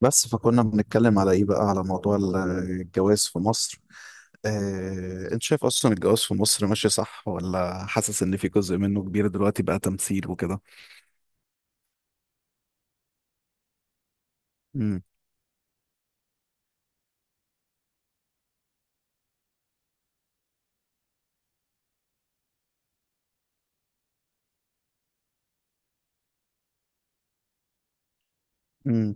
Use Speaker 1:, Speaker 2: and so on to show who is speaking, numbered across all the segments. Speaker 1: بس فكنا بنتكلم على ايه بقى، على موضوع الجواز في مصر. انت شايف اصلا الجواز في مصر ماشي صح، ولا حاسس ان في جزء منه كبير دلوقتي بقى تمثيل وكده؟ امم امم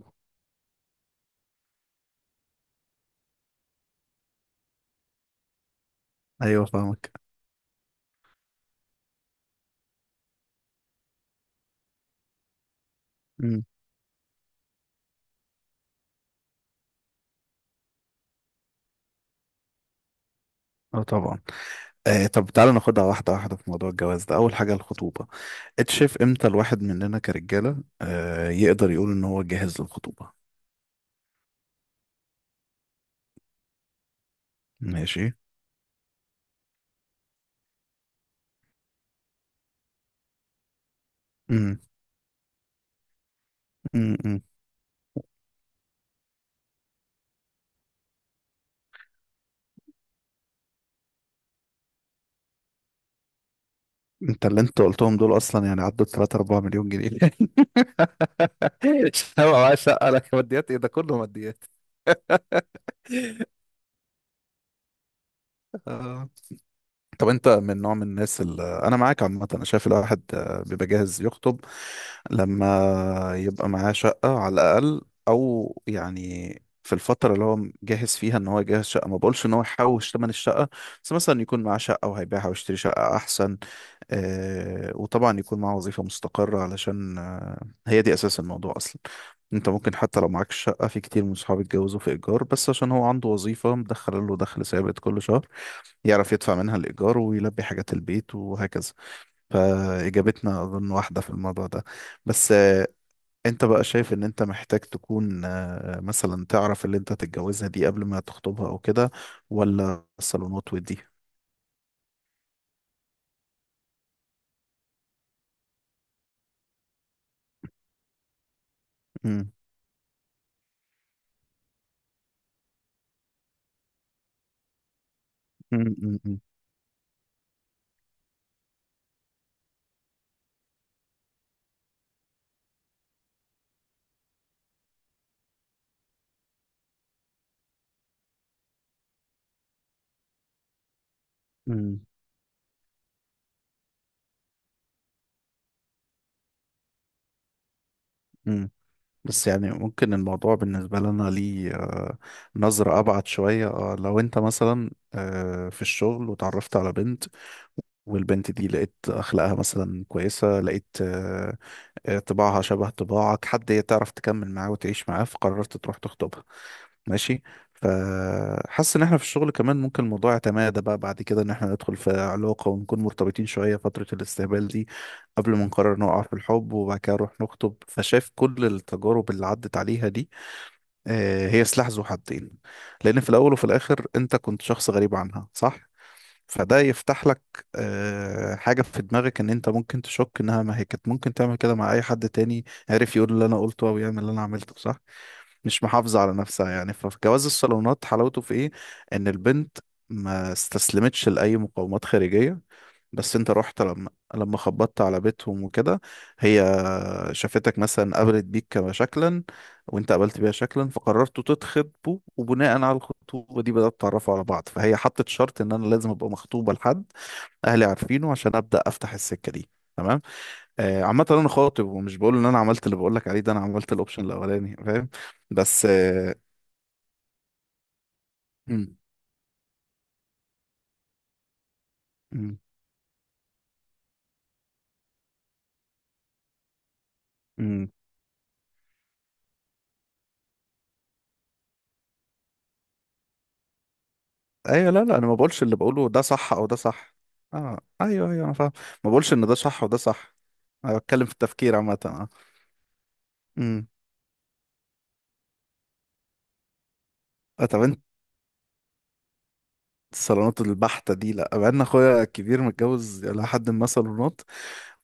Speaker 1: ايوه، فاهمك. امم اه، طبعا. طب تعالى ناخدها واحده واحده. في موضوع الجواز ده، اول حاجه الخطوبه. انت شايف امتى الواحد مننا كرجاله يقدر يقول ان هو جاهز للخطوبه؟ ماشي. امم أمم. انت اللي انت قلتهم دول اصلا يعني عدوا 3 4 مليون جنيه. هو عايز اسالك ماديات ايه؟ ده كله ماديات. آه. طب انت من نوع من الناس اللي انا معاك. عامه انا شايف الواحد بيبقى جاهز يخطب لما يبقى معاه شقه على الاقل، او يعني في الفتره اللي هو جاهز فيها ان هو يجهز شقه. ما بقولش ان هو يحوش ثمن الشقه، بس مثلا يكون معاه شقه وهيبيعها ويشتري شقه احسن. وطبعا يكون معاه وظيفه مستقره، علشان هي دي اساس الموضوع اصلا. انت ممكن حتى لو معاك شقة، في كتير من صحابي اتجوزوا في ايجار، بس عشان هو عنده وظيفة مدخل له دخل ثابت كل شهر يعرف يدفع منها الايجار ويلبي حاجات البيت وهكذا. فاجابتنا اظن واحدة في الموضوع ده. بس انت بقى شايف ان انت محتاج تكون مثلا تعرف اللي انت تتجوزها دي قبل ما تخطبها او كده، ولا الصالونات ودي؟ امم امم امم بس يعني ممكن الموضوع بالنسبة لنا ليه نظرة أبعد شوية. لو أنت مثلا في الشغل وتعرفت على بنت، والبنت دي لقيت اخلاقها مثلا كويسه، لقيت طباعها شبه طباعك، حد هي تعرف تكمل معاه وتعيش معاه، فقررت تروح تخطبها. ماشي. فحاسس ان احنا في الشغل كمان ممكن الموضوع يتمادى بقى بعد كده، ان احنا ندخل في علاقه ونكون مرتبطين شويه فتره الاستقبال دي قبل ما نقرر نقع في الحب، وبعد كده نروح نخطب. فشايف كل التجارب اللي عدت عليها دي هي سلاح ذو حدين، لان في الاول وفي الاخر انت كنت شخص غريب عنها، صح؟ فده يفتح لك حاجة في دماغك ان انت ممكن تشك انها، ما هي كانت ممكن تعمل كده مع اي حد تاني، عارف، يقول اللي انا قلته او يعمل اللي انا عملته، صح؟ مش محافظة على نفسها يعني. فجواز الصالونات حلاوته في ايه؟ ان البنت ما استسلمتش لأي مقاومات خارجية. بس انت رحت لما خبطت على بيتهم وكده، هي شافتك مثلا، قابلت بيك كما شكلا، وانت قابلت بيها شكلا، فقررتوا تتخطبوا، وبناء على الخطوبة دي بدأت تعرفوا على بعض. فهي حطت شرط ان انا لازم ابقى مخطوبة لحد اهلي عارفينه عشان ابدأ افتح السكة دي. تمام. آه، عامة انا خاطب، ومش بقول ان انا عملت اللي بقول لك عليه ده. انا عملت الاوبشن الاولاني، فاهم. بس م- م- ايوه، لا لا، انا ما بقولش اللي بقوله ده صح او ده صح. اه ايوه، ايوه، انا فاهم. ما بقولش ان ده صح وده صح. انا بتكلم في التفكير عامه، اه. امم طب انت، الصالونات البحتة دي لا، بقى ان اخويا الكبير متجوز الى حد ما صالونات،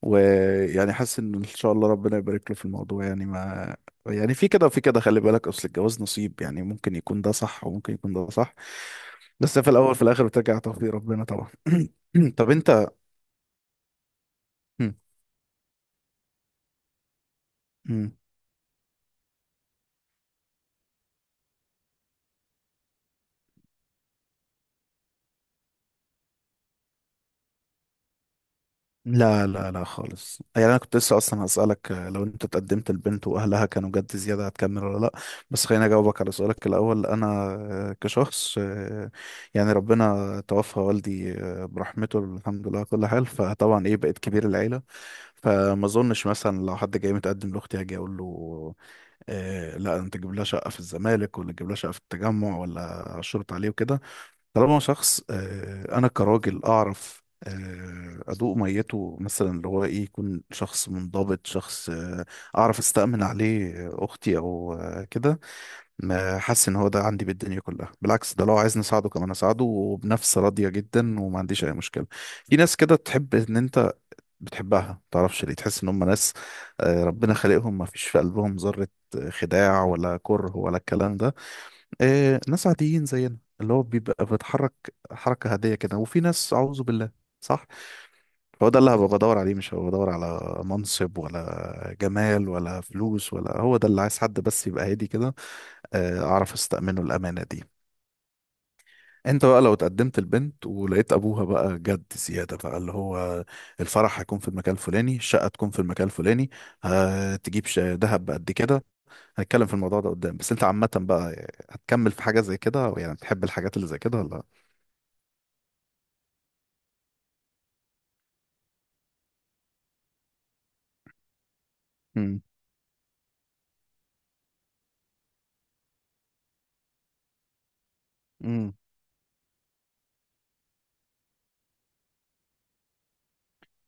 Speaker 1: ويعني حاسس ان ان شاء الله ربنا يبارك له في الموضوع يعني، ما يعني في كده وفي كده. خلي بالك اصل الجواز نصيب يعني، ممكن يكون ده صح وممكن يكون ده صح، بس في الاول في الاخر بترجع توفيق ربنا طبعا. طب انت. مم. مم. لا لا لا، خالص. يعني انا كنت لسه اصلا هسألك، لو انت اتقدمت لبنت واهلها كانوا جد زيادة، هتكمل ولا لا؟ بس خليني اجاوبك على سؤالك الاول. انا كشخص يعني ربنا توفى والدي برحمته، الحمد لله على كل حال. فطبعا ايه، بقيت كبير العيلة. فما اظنش مثلا لو حد جاي متقدم لاختي هاجي اقول له لا، انت تجيب لها شقة في الزمالك، ولا تجيب لها شقة في التجمع، ولا اشرط عليه وكده. طالما شخص انا كراجل اعرف ادوق ميته مثلا، اللي هو ايه، يكون شخص منضبط، شخص اعرف استأمن عليه اختي او كده، ما حاسس ان هو ده عندي بالدنيا كلها. بالعكس، ده لو عايزني اساعده كمان اساعده وبنفس راضية جدا، وما عنديش اي مشكلة. في ناس كده تحب ان انت بتحبها ما تعرفش ليه، تحس ان هم ناس ربنا خلقهم ما فيش في قلبهم ذرة خداع ولا كره ولا الكلام ده. ناس عاديين زينا، اللي هو بيبقى بيتحرك حركة عادية كده، وفي ناس أعوذ بالله. صح. هو ده اللي هبقى بدور عليه، مش هبقى بدور على منصب ولا جمال ولا فلوس، ولا. هو ده اللي عايز، حد بس يبقى هادي كده، أعرف أستأمنه الأمانة دي. انت بقى لو اتقدمت البنت ولقيت ابوها بقى جد زياده بقى، اللي هو الفرح هيكون في المكان الفلاني، الشقه تكون في المكان الفلاني، هتجيب دهب بقد كده، هنتكلم في الموضوع ده قدام، بس انت عامه بقى هتكمل في حاجه زي كده؟ يعني بتحب الحاجات اللي زي كده ولا؟ امم امم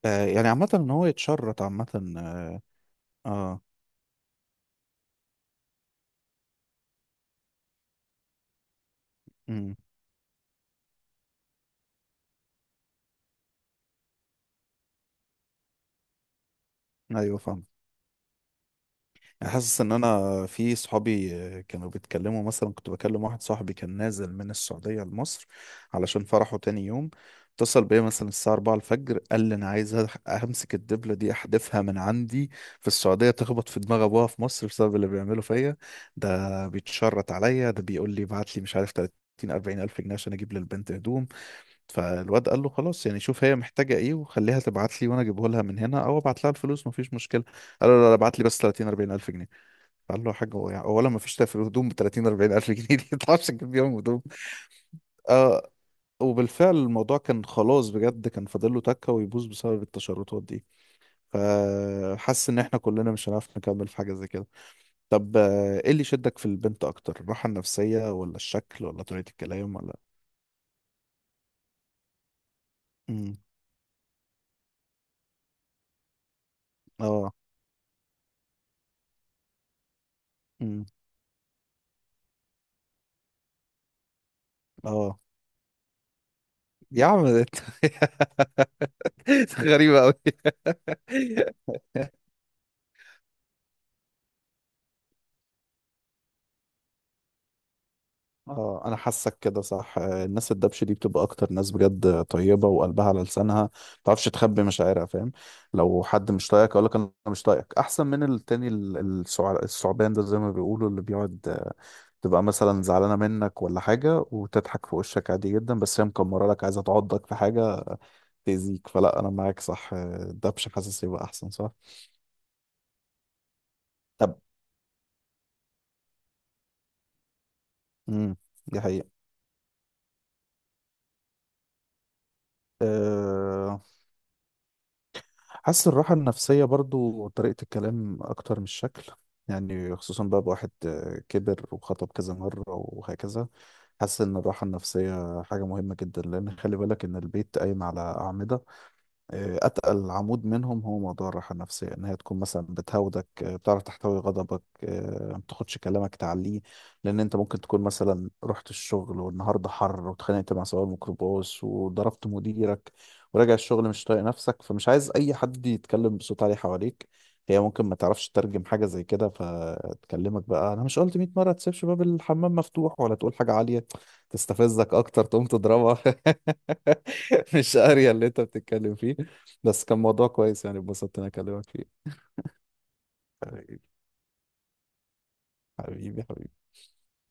Speaker 1: يعني عامة ان هو يتشرط، عامة. اه. آه. امم ايوه، فاهم. يعني حاسس ان انا في صحابي كانوا بيتكلموا. مثلا كنت بكلم واحد صاحبي كان نازل من السعودية لمصر علشان فرحه تاني يوم. اتصل بيا مثلا الساعة 4 الفجر، قال لي انا عايز امسك الدبلة دي احدفها من عندي في السعودية، تخبط في دماغ ابوها في مصر بسبب اللي بيعمله فيا. ده بيتشرط عليا، ده بيقول لي ابعت لي، مش عارف، 30 40 الف جنيه عشان اجيب للبنت هدوم. فالواد قال له خلاص، يعني شوف هي محتاجة ايه وخليها تبعت لي وانا اجيبه لها من هنا، او ابعت لها الفلوس، مفيش مشكلة. قال له لا لا، ابعت لي بس 30 40 الف جنيه. قال له يا حاج، هو يعني اولا مفيش في الهدوم ب 30 40 الف جنيه دي، ما تعرفش تجيب بيهم هدوم. آه وبالفعل الموضوع كان خلاص بجد، كان فاضل له تكة ويبوظ بسبب التشرطات دي. فحس ان احنا كلنا مش هنعرف نكمل في حاجة زي كده. طب ايه اللي شدك في البنت اكتر، الراحة النفسية ولا الشكل ولا طريقة الكلام ولا؟ امم اه. امم اه. يا عم ده انت. غريبة أوي. اه، انا حاسك كده صح. الناس الدبش دي بتبقى اكتر ناس بجد طيبة، وقلبها على لسانها، ما تعرفش تخبي مشاعرها، فاهم. لو حد مش طايقك اقول لك انا مش طايقك، احسن من التاني الثعبان ده، زي ما بيقولوا، اللي بيقعد تبقى مثلا زعلانة منك ولا حاجة وتضحك في وشك عادي جدا، بس هي مكمرة لك، عايزة تعضك في حاجة، تأذيك. فلا، انا معاك، صح. الدبش حاسس يبقى احسن، صح. طب. امم دي حقيقة. أه، حاسس الراحة النفسية برضو، طريقة الكلام أكتر من الشكل. يعني خصوصا بقى بواحد كبر وخطب كذا مرة وهكذا، حاسس إن الراحة النفسية حاجة مهمة جدا. لأن خلي بالك إن البيت قايم على أعمدة، اتقل عمود منهم هو موضوع الراحه النفسيه، ان هي تكون مثلا بتهودك، بتعرف تحتوي غضبك، ما تاخدش كلامك تعليه. لان انت ممكن تكون مثلا رحت الشغل، والنهارده حر واتخانقت مع سواق الميكروباص وضربت مديرك، وراجع الشغل مش طايق نفسك، فمش عايز اي حد يتكلم بصوت عالي حواليك. هي ممكن ما تعرفش تترجم حاجه زي كده، فتكلمك بقى، انا مش قلت 100 مره تسيبش باب الحمام مفتوح، ولا تقول حاجه عاليه تستفزك اكتر، تقوم تضربها. مش قاريه اللي انت بتتكلم فيه. بس كان موضوع كويس يعني، اتبسطت إن انا اكلمك فيه. حبيبي. حبيبي.